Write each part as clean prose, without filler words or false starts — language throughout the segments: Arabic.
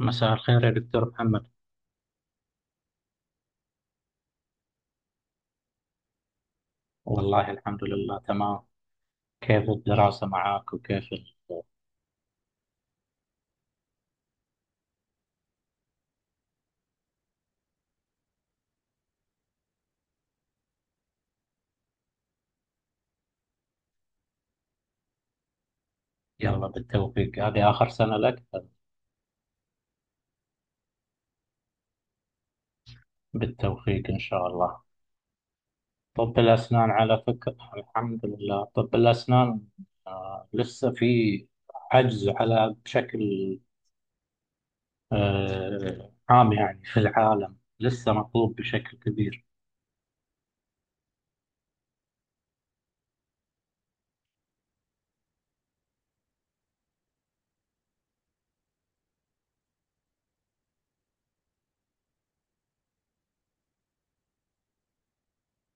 مساء الخير يا دكتور محمد. والله الحمد لله تمام. كيف الدراسة معك وكيف يلا بالتوفيق، هذه آخر سنة لك. بالتوفيق إن شاء الله. طب الأسنان على فكرة الحمد لله طب الأسنان لسه في عجز على بشكل، عام يعني في العالم لسه مطلوب بشكل كبير.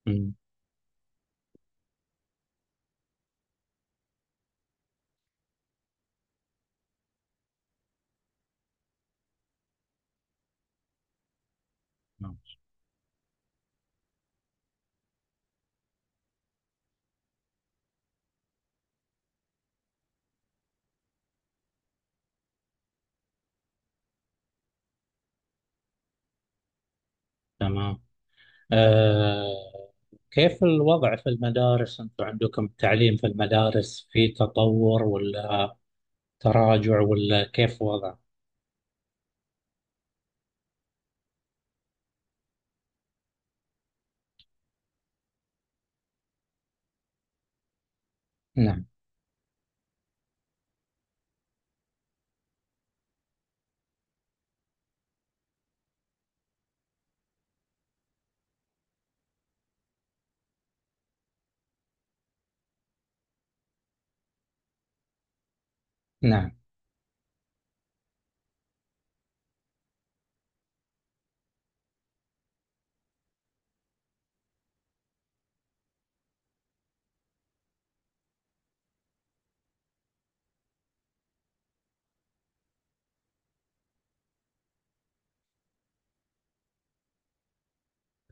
مم. تمام. آه، كيف الوضع في المدارس؟ أنتم عندكم التعليم في المدارس في تطور ولا تراجع ولا كيف وضع؟ نعم. نعم.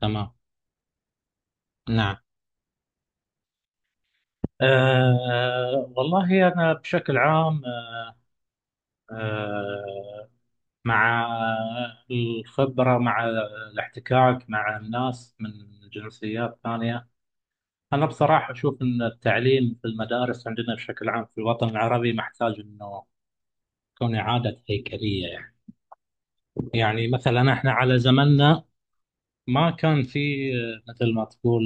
تمام. نعم. والله أنا بشكل عام، آه، مع الخبرة، مع الاحتكاك مع الناس من جنسيات ثانية، أنا بصراحة أشوف أن التعليم في المدارس عندنا بشكل عام في الوطن العربي محتاج أنه تكون إعادة هيكلية يعني. يعني مثلا احنا على زماننا ما كان في، مثل ما تقول،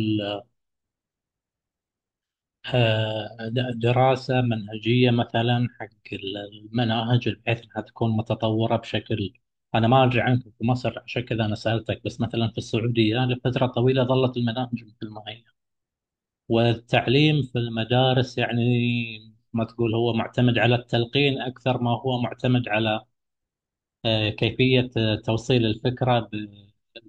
دراسة منهجية مثلا حق المناهج بحيث انها تكون متطورة بشكل. انا ما ادري عنكم في مصر عشان كذا انا سألتك، بس مثلا في السعودية لفترة طويلة ظلت المناهج مثل ما هي، والتعليم في المدارس يعني ما تقول هو معتمد على التلقين اكثر ما هو معتمد على، كيفية توصيل الفكرة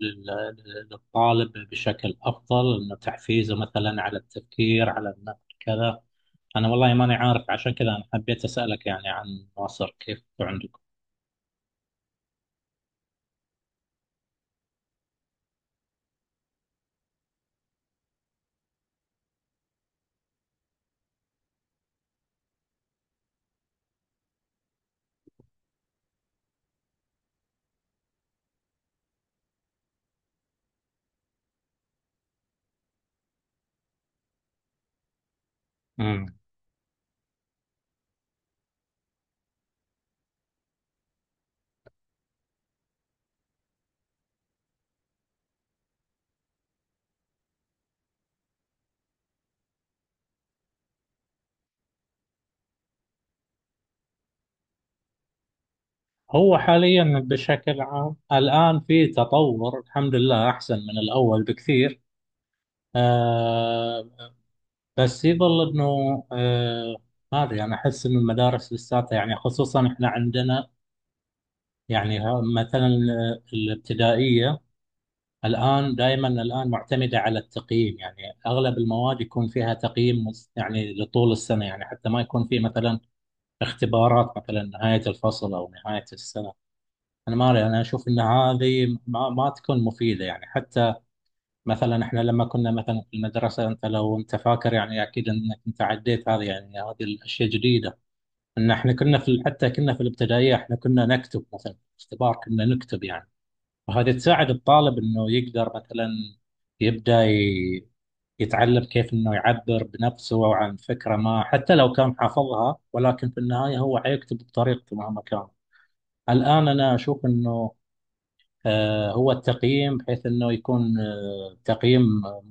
لل- للطالب بشكل أفضل، إنه تحفيزه مثلا على التفكير على النقد كذا. أنا والله ماني عارف عشان كذا أنا حبيت أسألك يعني عن مصر كيف عندكم. مم. هو حاليا بشكل عام الآن في تطور الحمد لله، أحسن من الأول بكثير. آه بس يظل أنه، ما أدري، أنا أحس أن المدارس لساتها، يعني خصوصا إحنا عندنا، يعني مثلا الابتدائية الآن دائما الآن معتمدة على التقييم يعني. أغلب المواد يكون فيها يعني لطول السنة، يعني حتى ما يكون في مثلا اختبارات مثلا نهاية الفصل أو نهاية السنة. أنا ما أدري، أنا أشوف أن هذه ما تكون مفيدة يعني. حتى مثلا إحنا لما كنا مثلا في المدرسة، أنت لو أنت فاكر يعني، أكيد أنك أنت عديت هذه، يعني هذه الأشياء جديدة. أن إحنا كنا في، حتى كنا في الابتدائية، إحنا كنا نكتب مثلا اختبار، كنا نكتب يعني. وهذه تساعد الطالب انه يقدر مثلا يبدا ي- يتعلم كيف انه يعبر بنفسه او عن فكره ما، حتى لو كان حافظها، ولكن في النهايه هو حيكتب بطريقته مهما كان. الان انا اشوف انه، هو التقييم بحيث انه يكون، تقييم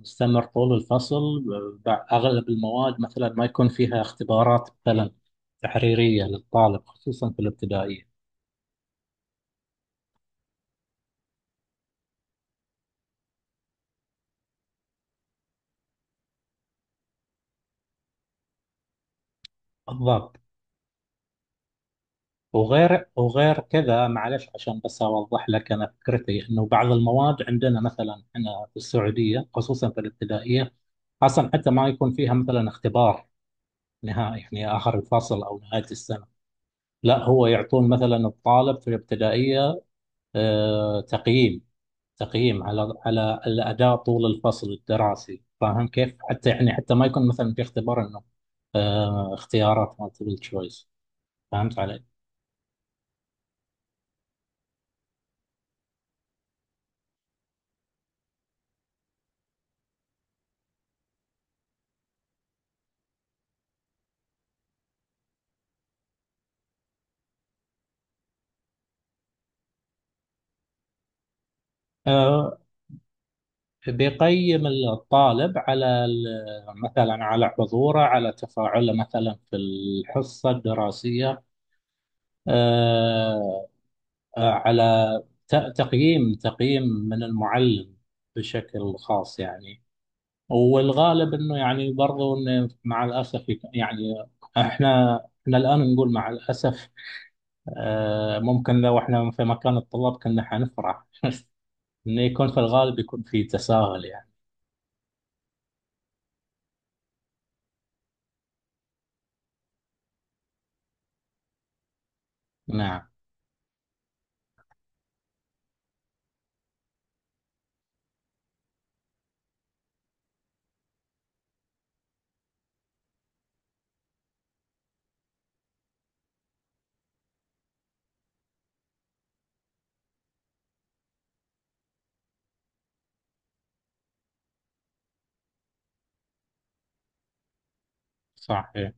مستمر طول الفصل. اغلب المواد مثلا ما يكون فيها اختبارات مثلا تحريريه للطالب خصوصا في الابتدائيه. بالضبط. وغير وغير كذا، معلش عشان بس اوضح لك انا فكرتي، انه بعض المواد عندنا مثلا هنا في السعوديه خصوصا في الابتدائيه اصلا حتى ما يكون فيها مثلا اختبار نهائي، يعني اخر الفصل او نهايه السنه. لا، هو يعطون مثلا الطالب في الابتدائيه، آه، تقييم تقييم على على الاداء طول الفصل الدراسي، فاهم كيف؟ حتى يعني حتى ما يكون مثلا في اختبار، انه اختيارات multiple choice، فهمت علي؟ آه، بيقيم الطالب على مثلا على حضوره، على تفاعله مثلا في الحصة الدراسية، آه، على تقييم من المعلم بشكل خاص يعني. والغالب انه يعني برضو إنه مع الاسف يعني احنا، احنا الان نقول مع الاسف، ممكن لو احنا في مكان الطلاب كنا حنفرح انه يكون، في الغالب يكون في تساهل يعني. نعم. صحيح.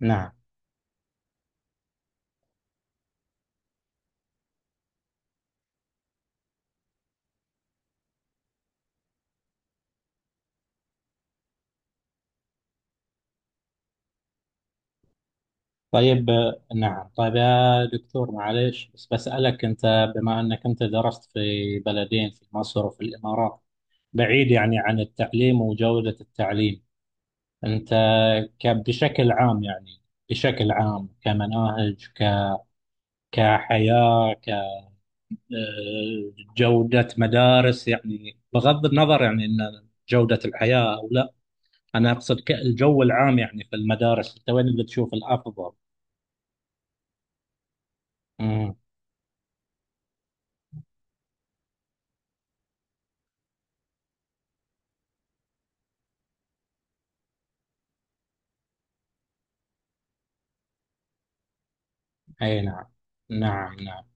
نعم. طيب نعم. طيب يا دكتور، معلش بس بسألك أنت، بما أنك أنت درست في بلدين، في مصر وفي الإمارات، بعيد يعني عن التعليم وجودة التعليم، أنت بشكل عام يعني، بشكل عام كمناهج، كحياة، كجودة مدارس، يعني بغض النظر يعني أن جودة الحياة أو لا، أنا أقصد الجو العام يعني في المدارس، أنت وين اللي تشوف الأفضل؟ امم أي نعم. نعم نعم.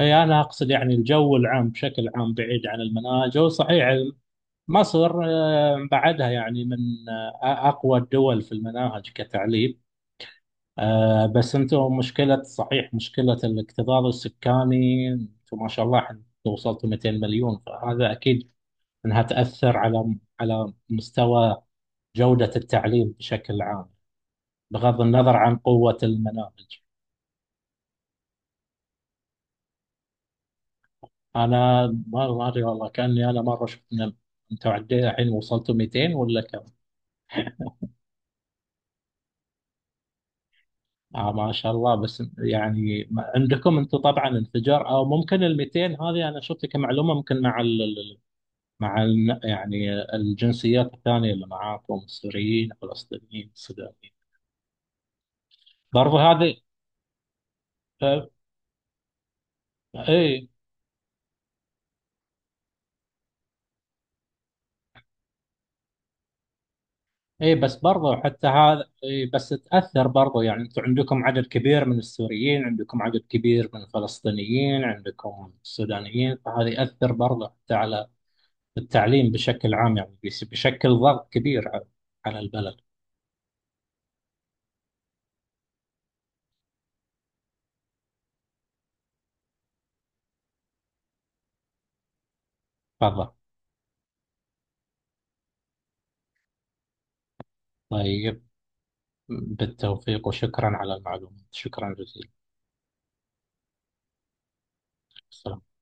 اي انا اقصد يعني الجو العام بشكل عام بعيد عن المناجم صحيح. مصر بعدها يعني من، اقوى الدول في المناهج كتعليم، بس انتم مشكلة، صحيح مشكلة الاكتظاظ السكاني، انتم ما شاء الله وصلتوا 200 مليون، فهذا اكيد انها تأثر على مستوى جودة التعليم بشكل عام، بغض النظر عن قوة المناهج. انا ما ادري والله، كاني انا مره شفت إن انتوا عندنا الحين وصلتوا 200 ولا كم. آه ما شاء الله، بس يعني عندكم انتم طبعا انفجار، او ممكن ال 200 هذه انا شفتها كمعلومه، ممكن مع مع ال يعني الجنسيات الثانيه اللي معاكم، السوريين الفلسطينيين السودانيين، برضو هذه، آه، اي. اي بس برضو حتى هذا، اي بس تأثر برضو، يعني انتم عندكم عدد كبير من السوريين، عندكم عدد كبير من الفلسطينيين، عندكم السودانيين، فهذا يأثر برضو حتى على التعليم بشكل عام، يعني بشكل ضغط كبير على على البلد. تفضل. طيب بالتوفيق، وشكرا على المعلومات، شكرا جزيلا. السلام.